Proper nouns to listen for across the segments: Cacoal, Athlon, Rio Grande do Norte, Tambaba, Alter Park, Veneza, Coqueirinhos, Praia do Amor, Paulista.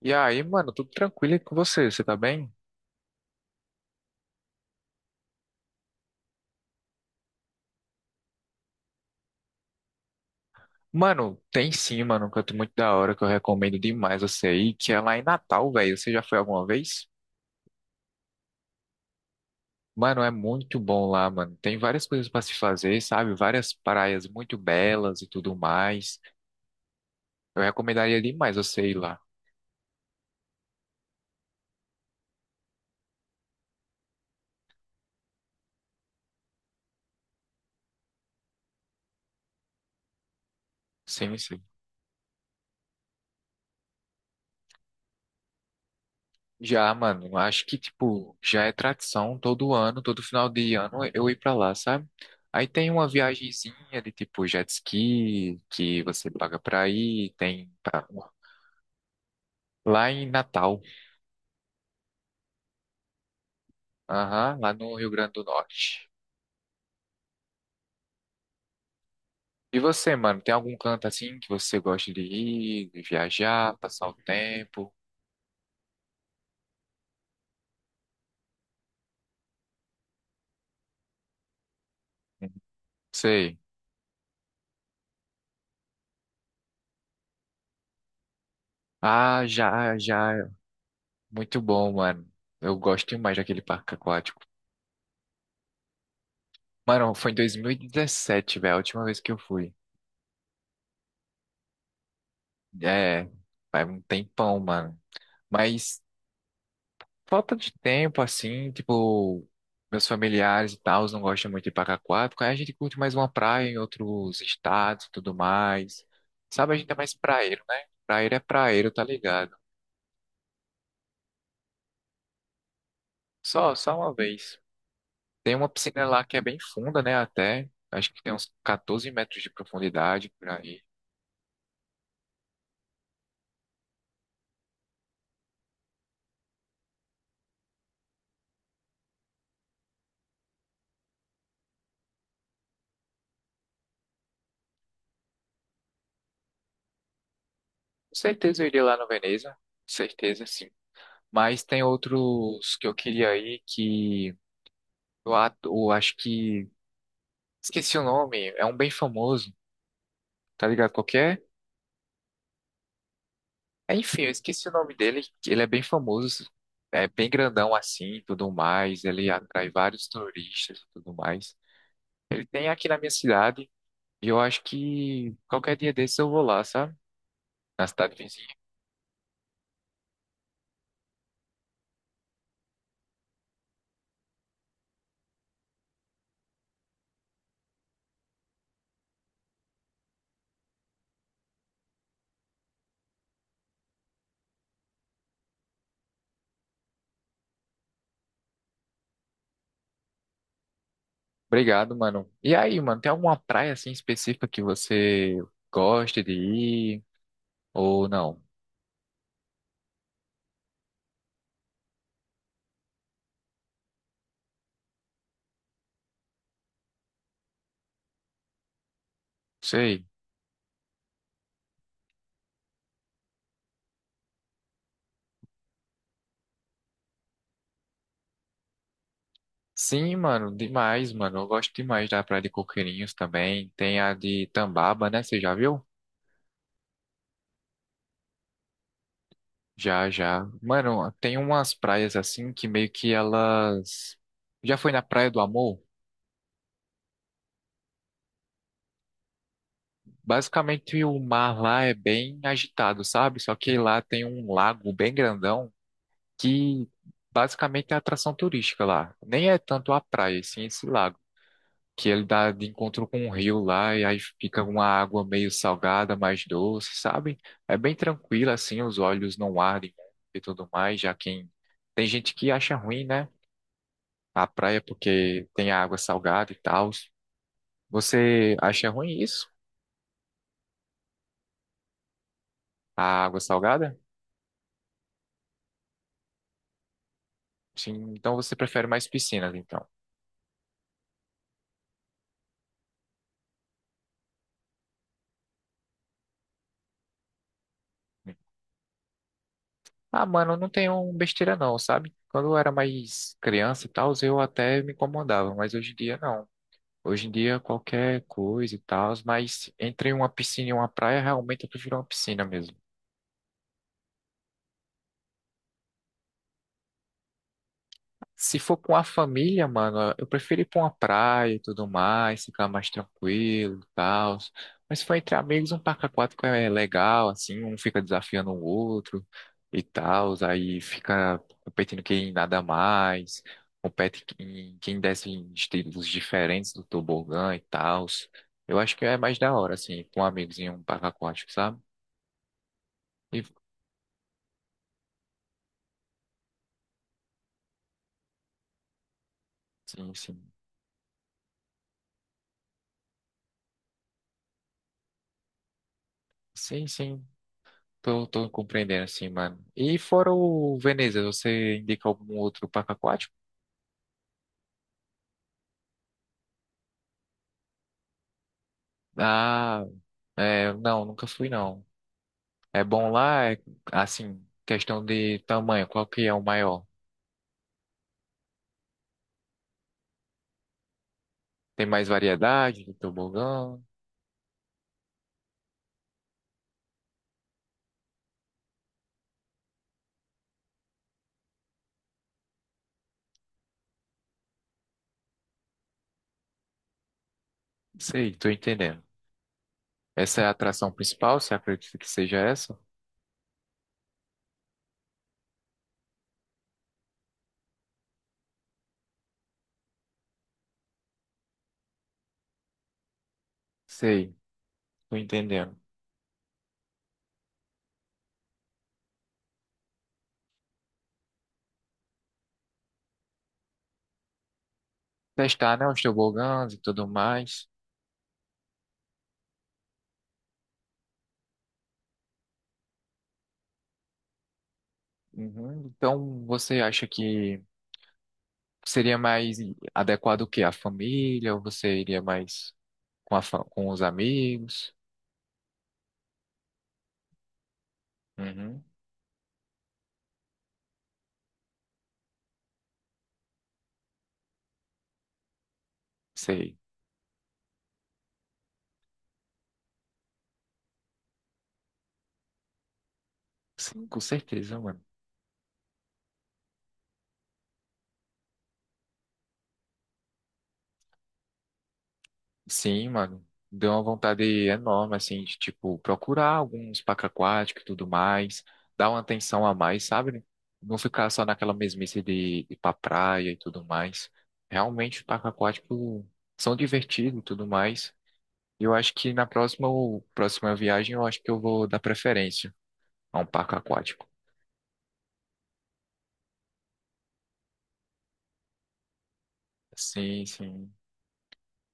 E aí, mano, tudo tranquilo aí com você? Você tá bem? Mano, tem sim, mano, um canto muito da hora que eu recomendo demais você ir, que é lá em Natal, velho. Você já foi alguma vez? Mano, é muito bom lá, mano. Tem várias coisas pra se fazer, sabe? Várias praias muito belas e tudo mais. Eu recomendaria demais você ir lá. Sim, sim. Já, mano, acho que, tipo, já é tradição todo ano, todo final de ano eu ir pra lá, sabe? Aí tem uma viagenzinha de, tipo, jet ski, que você paga pra ir, tem pra... lá em Natal, aham, lá no Rio Grande do Norte. E você, mano, tem algum canto assim que você gosta de ir, de viajar, passar o tempo? Hum. Sei. Ah, já, já. Muito bom, mano. Eu gosto demais daquele parque aquático. Mano, foi em 2017, velho, a última vez que eu fui. É, faz um tempão, mano. Mas falta de tempo, assim, tipo, meus familiares e tal não gostam muito de ir pra Cacoal, porque aí a gente curte mais uma praia em outros estados e tudo mais. Sabe, a gente é mais praeiro, né? Praeiro é praeiro, tá ligado? Só, só uma vez. Tem uma piscina lá que é bem funda, né, até. Acho que tem uns 14 metros de profundidade por aí. Com certeza eu iria lá no Veneza, com certeza sim. Mas tem outros que eu queria ir que o ato, acho que. Esqueci o nome, é um bem famoso, tá ligado? Qualquer. Enfim, eu esqueci o nome dele, que ele é bem famoso, é bem grandão assim e tudo mais. Ele atrai vários turistas e tudo mais. Ele tem aqui na minha cidade, e eu acho que qualquer dia desses eu vou lá, sabe? Na cidade vizinha. Obrigado, mano. E aí, mano, tem alguma praia assim específica que você gosta de ir? Ou não? Não. Sei. Sim, mano, demais, mano. Eu gosto demais da Praia de Coqueirinhos também. Tem a de Tambaba, né? Você já viu? Já, já. Mano, tem umas praias assim que meio que elas. Já foi na Praia do Amor? Basicamente o mar lá é bem agitado, sabe? Só que lá tem um lago bem grandão que basicamente é atração turística lá. Nem é tanto a praia, sim, esse lago. Que ele dá de encontro com um rio lá e aí fica uma água meio salgada, mais doce, sabe? É bem tranquilo assim, os olhos não ardem e tudo mais, já quem tem gente que acha ruim, né? A praia porque tem a água salgada e tal. Você acha ruim isso? A água salgada? Sim, então você prefere mais piscinas, então. Ah, mano, não tem um besteira não, sabe? Quando eu era mais criança e tal, eu até me incomodava, mas hoje em dia não. Hoje em dia, qualquer coisa e tal, mas entre uma piscina e uma praia, realmente eu prefiro uma piscina mesmo. Se for com a família, mano, eu prefiro ir pra uma praia e tudo mais, ficar mais tranquilo e tal. Mas se for entre amigos, um parque aquático é legal, assim, um fica desafiando o outro e tal, aí fica competindo quem nada mais, compete quem, quem desce em estilos diferentes do tobogã e tal. Eu acho que é mais da hora, assim, com amigos em um parque aquático, sabe? E sim, sim. Sim, sim. Tô compreendendo, assim mano. E fora o Veneza, você indica algum outro parque aquático? Ah, é, não, nunca fui, não. É bom lá, é, assim, questão de tamanho, qual que é o maior? Tem mais variedade de tobogã. Sei, tô entendendo. Essa é a atração principal, você acredita que seja essa? Sei, tô entendendo. Testar, né, os tobogãs e tudo mais. Uhum. Então, você acha que seria mais adequado o quê? A família? Ou você iria mais com, a fa- com os amigos? Uhum. Sei. Sim, com certeza, mano. Sim, mano. Deu uma vontade enorme, assim, de, tipo, procurar alguns parques aquáticos e tudo mais. Dar uma atenção a mais, sabe? Não ficar só naquela mesmice de ir pra praia e tudo mais. Realmente, os parques aquáticos são divertidos e tudo mais. E eu acho que na próxima viagem, eu acho que eu vou dar preferência a um parque aquático. Sim, sim.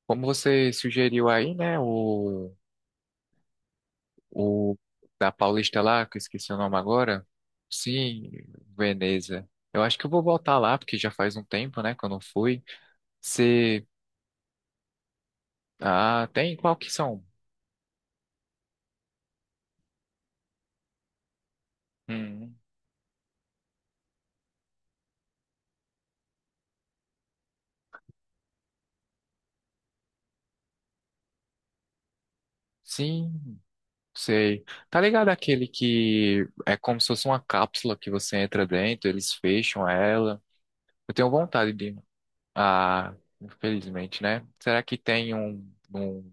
Como você sugeriu aí, né? O da Paulista lá, que eu esqueci o nome agora. Sim, Veneza. Eu acho que eu vou voltar lá, porque já faz um tempo, né, que eu não fui. Você. Ah, tem qual que são? Hum, sim, sei. Tá ligado aquele que é como se fosse uma cápsula que você entra dentro, eles fecham ela. Eu tenho vontade de. Ah, infelizmente, né? Será que tem um. Um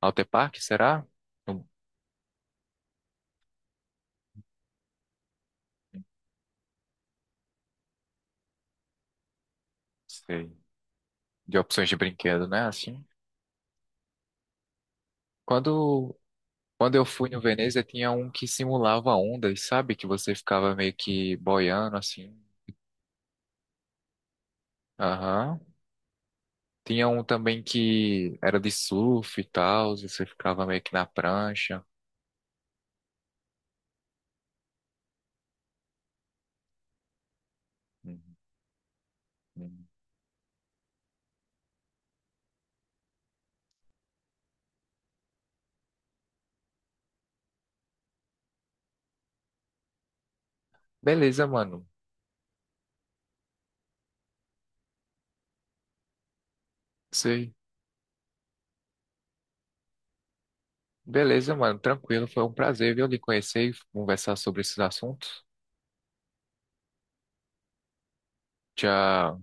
Alter Park, será? Não sei. De opções de brinquedo, né? Assim. Quando, quando eu fui no Veneza, tinha um que simulava ondas, sabe? Que você ficava meio que boiando, assim. Aham. Tinha um também que era de surf e tal, e você ficava meio que na prancha. Uhum. Uhum. Beleza, mano. Sei. Beleza, mano. Tranquilo. Foi um prazer, viu, lhe conhecer e conversar sobre esses assuntos. Tchau.